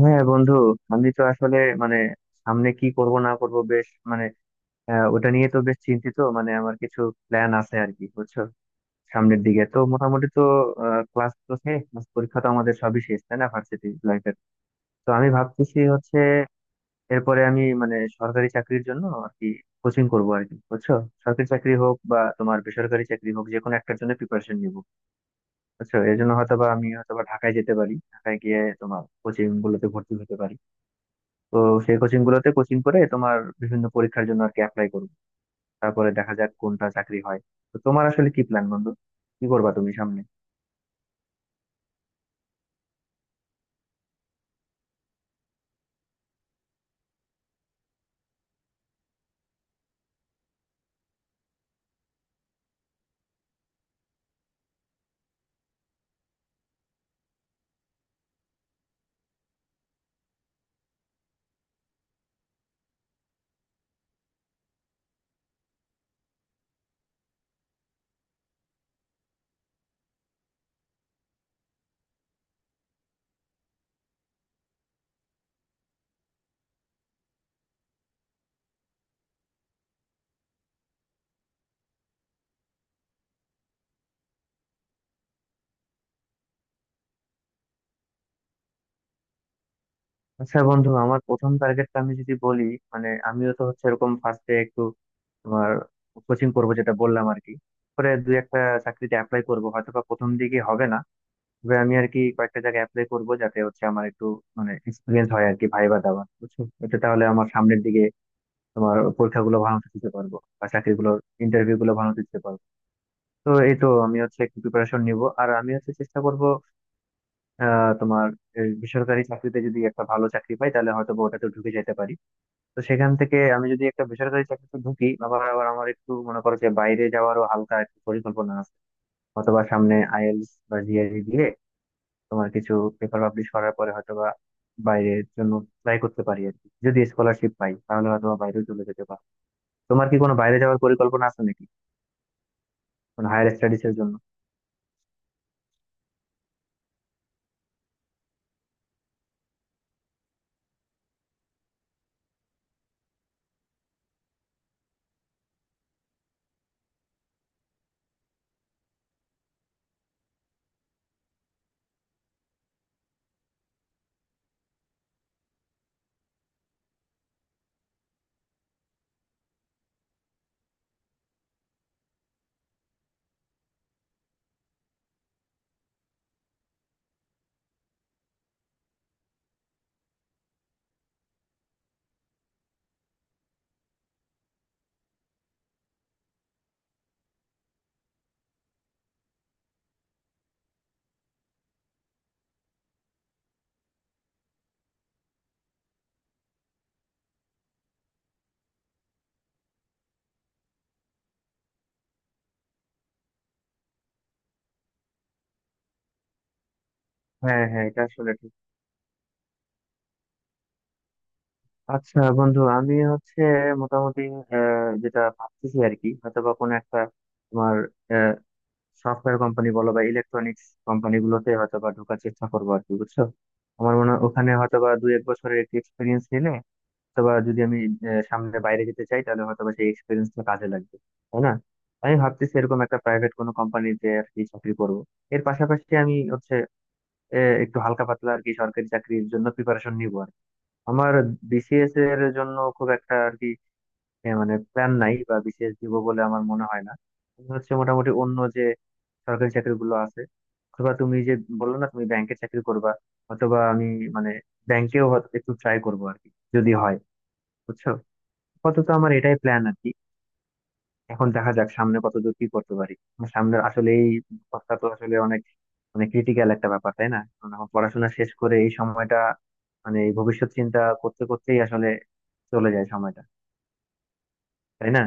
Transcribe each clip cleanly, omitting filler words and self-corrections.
হ্যাঁ বন্ধু। আমি তো আসলে মানে সামনে কি করব না করব, বেশ মানে ওটা নিয়ে তো বেশ চিন্তিত। মানে আমার কিছু প্ল্যান আছে আর কি, বুঝছো। সামনের দিকে তো মোটামুটি তো ক্লাস তো শেষ, class পরীক্ষা তো আমাদের সবই শেষ, তাই না, ভার্সিটি লাইফের। তো আমি ভাবতেছি হচ্ছে এরপরে আমি মানে সরকারি চাকরির জন্য আর কি কোচিং করবো আর কি, বুঝছো। সরকারি চাকরি হোক বা তোমার বেসরকারি চাকরি হোক, যে কোনো একটার জন্য প্রিপারেশন নিবো, বুঝছো। এর জন্য হয়তো বা আমি হয়তো বা ঢাকায় যেতে পারি, ঢাকায় গিয়ে তোমার কোচিং গুলোতে ভর্তি হতে পারি। তো সেই কোচিং গুলোতে কোচিং করে তোমার বিভিন্ন পরীক্ষার জন্য আর কি অ্যাপ্লাই করবো। তারপরে দেখা যাক কোনটা চাকরি হয়। তো তোমার আসলে কি প্ল্যান বন্ধু? কি করবা তুমি সামনে? আচ্ছা বন্ধু, আমার প্রথম টার্গেটটা আমি যদি বলি, মানে আমিও তো হচ্ছে এরকম ফার্স্টে একটু তোমার কোচিং করবো যেটা বললাম আর কি। পরে দু একটা চাকরিতে অ্যাপ্লাই করবো, হয়তো বা প্রথম দিকে হবে না, তবে আমি আর কি কয়েকটা জায়গায় অ্যাপ্লাই করবো যাতে হচ্ছে আমার একটু মানে এক্সপিরিয়েন্স হয় আর কি, ভাইবা দেওয়া, বুঝছো। এটা তাহলে আমার সামনের দিকে তোমার পরীক্ষাগুলো ভালো মতো দিতে পারবো বা চাকরিগুলোর ইন্টারভিউ গুলো ভালো মতো দিতে পারবো। তো এই তো আমি হচ্ছে একটু প্রিপারেশন নিব আর আমি হচ্ছে চেষ্টা করব। তোমার এই বেসরকারি চাকরিতে যদি একটা ভালো চাকরি পাই, তাহলে হয়তো বা ওটাতে ঢুকে যেতে পারি। তো সেখান থেকে আমি যদি একটা বেসরকারি চাকরিতে ঢুকি, আবার আবার আমার একটু মনে করো যে বাইরে যাওয়ারও হালকা একটু পরিকল্পনা আছে। অথবা সামনে আইএলটিএস বা জিআরই দিয়ে তোমার কিছু পেপার পাবলিশ করার পরে হয়তোবা বাইরের জন্য ট্রাই করতে পারি আর কি। যদি স্কলারশিপ পাই তাহলে হয়তো বা বাইরেও চলে যেতে পারি। তোমার কি কোনো বাইরে যাওয়ার পরিকল্পনা আছে নাকি? মানে হায়ার স্টাডিজ এর জন্য। হ্যাঁ হ্যাঁ, এটা আসলে ঠিক। আচ্ছা বন্ধু, আমি হচ্ছে মোটামুটি যেটা ভাবতেছি আর কি, হয়তো বা কোনো একটা তোমার সফটওয়্যার কোম্পানি বলো বা ইলেকট্রনিক্স কোম্পানি গুলোতে হয়তো বা ঢোকার চেষ্টা করবো আর কি, বুঝছো। আমার মনে হয় ওখানে হয়তো বা দুই এক বছরের একটি এক্সপিরিয়েন্স নিলে, অথবা যদি আমি সামনে বাইরে যেতে চাই, তাহলে হয়তো বা সেই এক্সপিরিয়েন্সটা কাজে লাগবে, তাই না। আমি ভাবতেছি এরকম একটা প্রাইভেট কোনো কোম্পানিতে আর কি চাকরি করবো। এর পাশাপাশি আমি হচ্ছে এ, একটু হালকা পাতলা আর কি সরকারি চাকরির জন্য প্রিপারেশন নিব আর কি। আমার বিসিএস এর জন্য খুব একটা আর কি মানে প্ল্যান নাই, বা বিসিএস দিব বলে আমার মনে হয় না। আমি হচ্ছে মোটামুটি অন্য যে সরকারি চাকরিগুলো আছে, অথবা তুমি যে বললো না তুমি ব্যাংকের চাকরি করবা, অথবা আমি মানে ব্যাংকেও হয়তো একটু ট্রাই করবো আর কি, যদি হয়, বুঝছো। আপাতত আমার এটাই প্ল্যান আর কি। এখন দেখা যাক সামনে কতদূর কি করতে পারি। আমার সামনের আসলেই অবস্থা তো আসলে অনেক মানে ক্রিটিক্যাল একটা ব্যাপার, তাই না, কারণ এখন পড়াশোনা শেষ করে এই সময়টা মানে এই ভবিষ্যৎ চিন্তা করতে করতেই আসলে চলে যায় সময়টা, তাই না।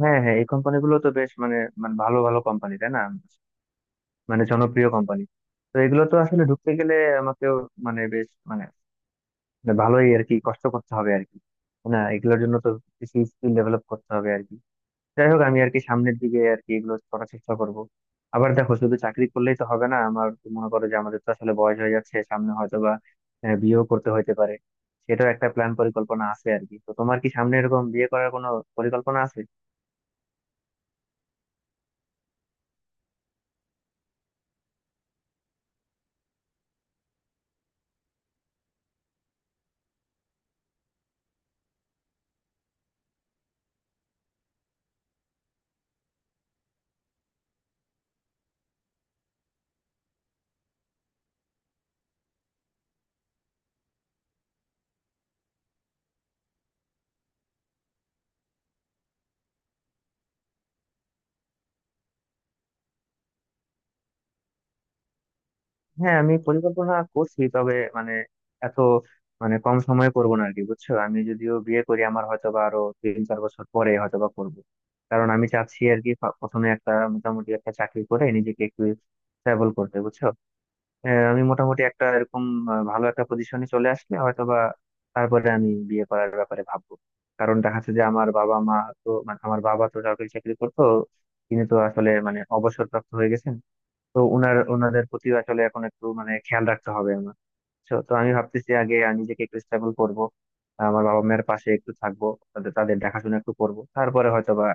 হ্যাঁ হ্যাঁ, এই কোম্পানিগুলো তো বেশ মানে, মানে ভালো ভালো কোম্পানি, তাই না, মানে জনপ্রিয় কোম্পানি। তো এগুলো তো আসলে ঢুকতে গেলে আমাকেও মানে বেশ মানে, মানে ভালোই আর কি কষ্ট করতে হবে আর কি, তাই না। এগুলোর জন্য তো কিছু স্কিল ডেভেলপ করতে হবে আর কি। যাই হোক, আমি আর কি সামনের দিকে আর কি এগুলো করার চেষ্টা করব। আবার দেখো, শুধু চাকরি করলেই তো হবে না, আমার তো মনে করো যে আমাদের তো আসলে বয়স হয়ে যাচ্ছে, সামনে হয়তো বা বিয়েও করতে হইতে পারে। সেটাও একটা প্ল্যান, পরিকল্পনা আছে আর কি। তো তোমার কি সামনে এরকম বিয়ে করার কোনো পরিকল্পনা আছে? হ্যাঁ, আমি পরিকল্পনা করছি, তবে মানে এত মানে কম সময়ে করবো না আর কি, বুঝছো। আমি যদিও বিয়ে করি, আমার হয়তো বা আরো তিন চার বছর পরে হয়তো বা করবো। কারণ আমি চাচ্ছি আর কি প্রথমে একটা মোটামুটি একটা চাকরি করে নিজেকে একটু স্টেবল করতে, বুঝছো। হ্যাঁ, আমি মোটামুটি একটা এরকম ভালো একটা পজিশনে চলে আসলে হয়তোবা তারপরে আমি বিয়ে করার ব্যাপারে ভাববো। কারণ দেখা যাচ্ছে যে আমার বাবা মা, তো মানে আমার বাবা তো সরকারি চাকরি করতো, তিনি তো আসলে মানে অবসরপ্রাপ্ত হয়ে গেছেন। তো উনার ওনাদের প্রতি আসলে এখন একটু মানে খেয়াল রাখতে হবে আমার। তো তো আমি ভাবতেছি আগে আমি নিজেকে একটু স্টেবল করব, আমার বাবা মায়ের পাশে একটু থাকবো, তাদের তাদের দেখাশোনা একটু করব, তারপরে হয়তোবা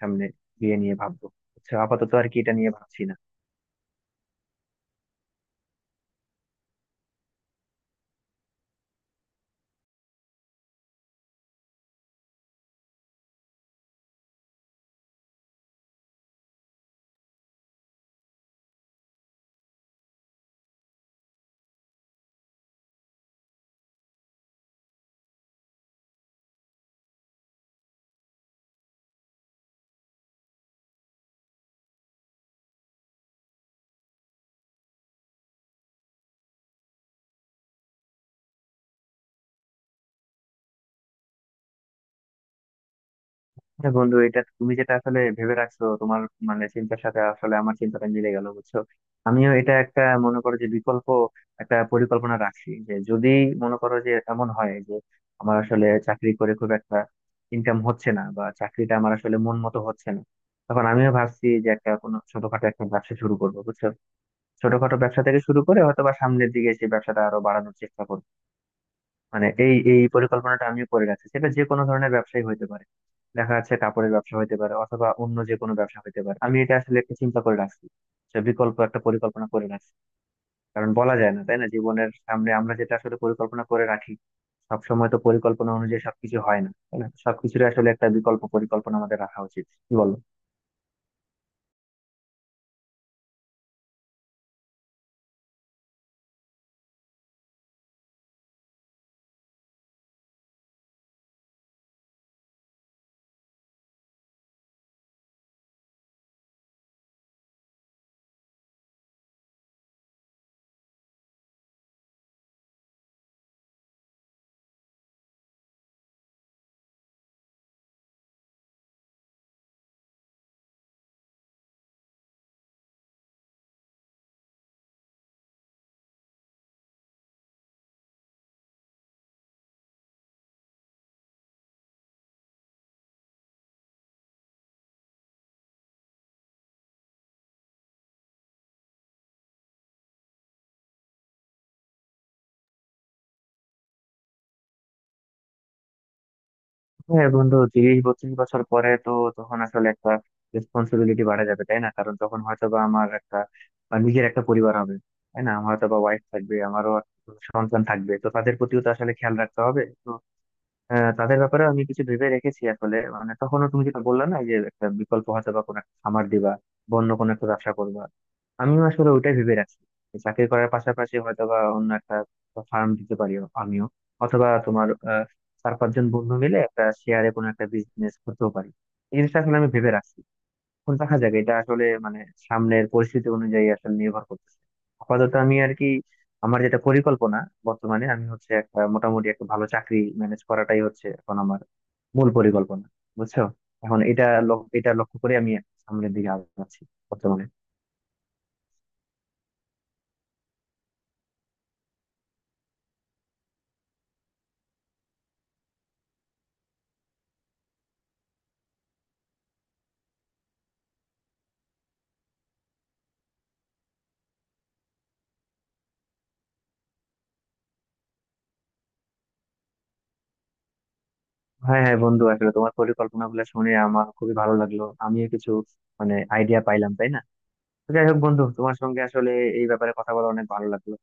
সামনে বিয়ে নিয়ে ভাববো। আচ্ছা, আপাতত আর কি এটা নিয়ে ভাবছি না। হ্যাঁ বন্ধু, এটা তুমি যেটা আসলে ভেবে রাখছো, তোমার মানে চিন্তার সাথে আসলে আমার চিন্তাটা মিলে গেল, বুঝছো। আমিও এটা একটা মনে করো যে বিকল্প একটা পরিকল্পনা রাখছি, যে যদি মনে করো যে এমন হয় যে আমার আসলে চাকরি করে খুব একটা ইনকাম হচ্ছে না, বা চাকরিটা আমার আসলে মন মতো হচ্ছে না, তখন আমিও ভাবছি যে একটা কোনো ছোটখাটো একটা ব্যবসা শুরু করবো, বুঝছো। ছোটখাটো ব্যবসা থেকে শুরু করে হয়তো বা সামনের দিকে সেই ব্যবসাটা আরো বাড়ানোর চেষ্টা করবো। মানে এই এই পরিকল্পনাটা আমিও করে রাখছি, সেটা যে কোনো ধরনের ব্যবসায়ী হইতে পারে। দেখা যাচ্ছে কাপড়ের ব্যবসা হইতে পারে, অথবা অন্য যে কোনো ব্যবসা হইতে পারে। আমি এটা আসলে একটা চিন্তা করে রাখছি, সে বিকল্প একটা পরিকল্পনা করে রাখছি। কারণ বলা যায় না, তাই না, জীবনের সামনে আমরা যেটা আসলে পরিকল্পনা করে রাখি, সব সময় তো পরিকল্পনা অনুযায়ী সবকিছু হয় না, তাই না। সবকিছুর আসলে একটা বিকল্প পরিকল্পনা আমাদের রাখা উচিত, কি বল। হ্যাঁ বন্ধু, 30-32 বছর পরে তো তখন আসলে একটা রেসপন্সিবিলিটি বাড়া যাবে, তাই না, কারণ তখন হয়তো বা আমার একটা বা নিজের একটা পরিবার হবে, তাই না, আমার হয়তো বা ওয়াইফ থাকবে, আমারও সন্তান থাকবে। তো তাদের প্রতিও তো আসলে খেয়াল রাখতে হবে তো। হ্যাঁ, তাদের ব্যাপারে আমি কিছু ভেবে রেখেছি আসলে মানে তখনও তুমি যেটা বললা না, এই যে একটা বিকল্প হয়তো বা কোনো একটা খামার দিবা বা অন্য কোনো একটা ব্যবসা করবা, আমিও আসলে ওইটাই ভেবে রাখছি। যে চাকরি করার পাশাপাশি হয়তো বা অন্য একটা ফার্ম দিতে পারি আমিও, অথবা তোমার চার পাঁচজন বন্ধু মিলে একটা শেয়ারে কোনো একটা বিজনেস করতেও পারি। এই জিনিসটা আসলে আমি ভেবে রাখছি। এখন দেখা যাক, এটা আসলে মানে সামনের পরিস্থিতি অনুযায়ী আসলে নির্ভর করতেছে। আপাতত আমি আর কি আমার যেটা পরিকল্পনা, বর্তমানে আমি হচ্ছে একটা মোটামুটি একটা ভালো চাকরি ম্যানেজ করাটাই হচ্ছে এখন আমার মূল পরিকল্পনা, বুঝছো। এখন এটা লক্ষ্য করে আমি সামনের দিকে আগাচ্ছি বর্তমানে। হ্যাঁ হ্যাঁ বন্ধু, আসলে তোমার পরিকল্পনা গুলো শুনে আমার খুবই ভালো লাগলো, আমিও কিছু মানে আইডিয়া পাইলাম, তাই না। তো যাই হোক বন্ধু, তোমার সঙ্গে আসলে এই ব্যাপারে কথা বলে অনেক ভালো লাগলো।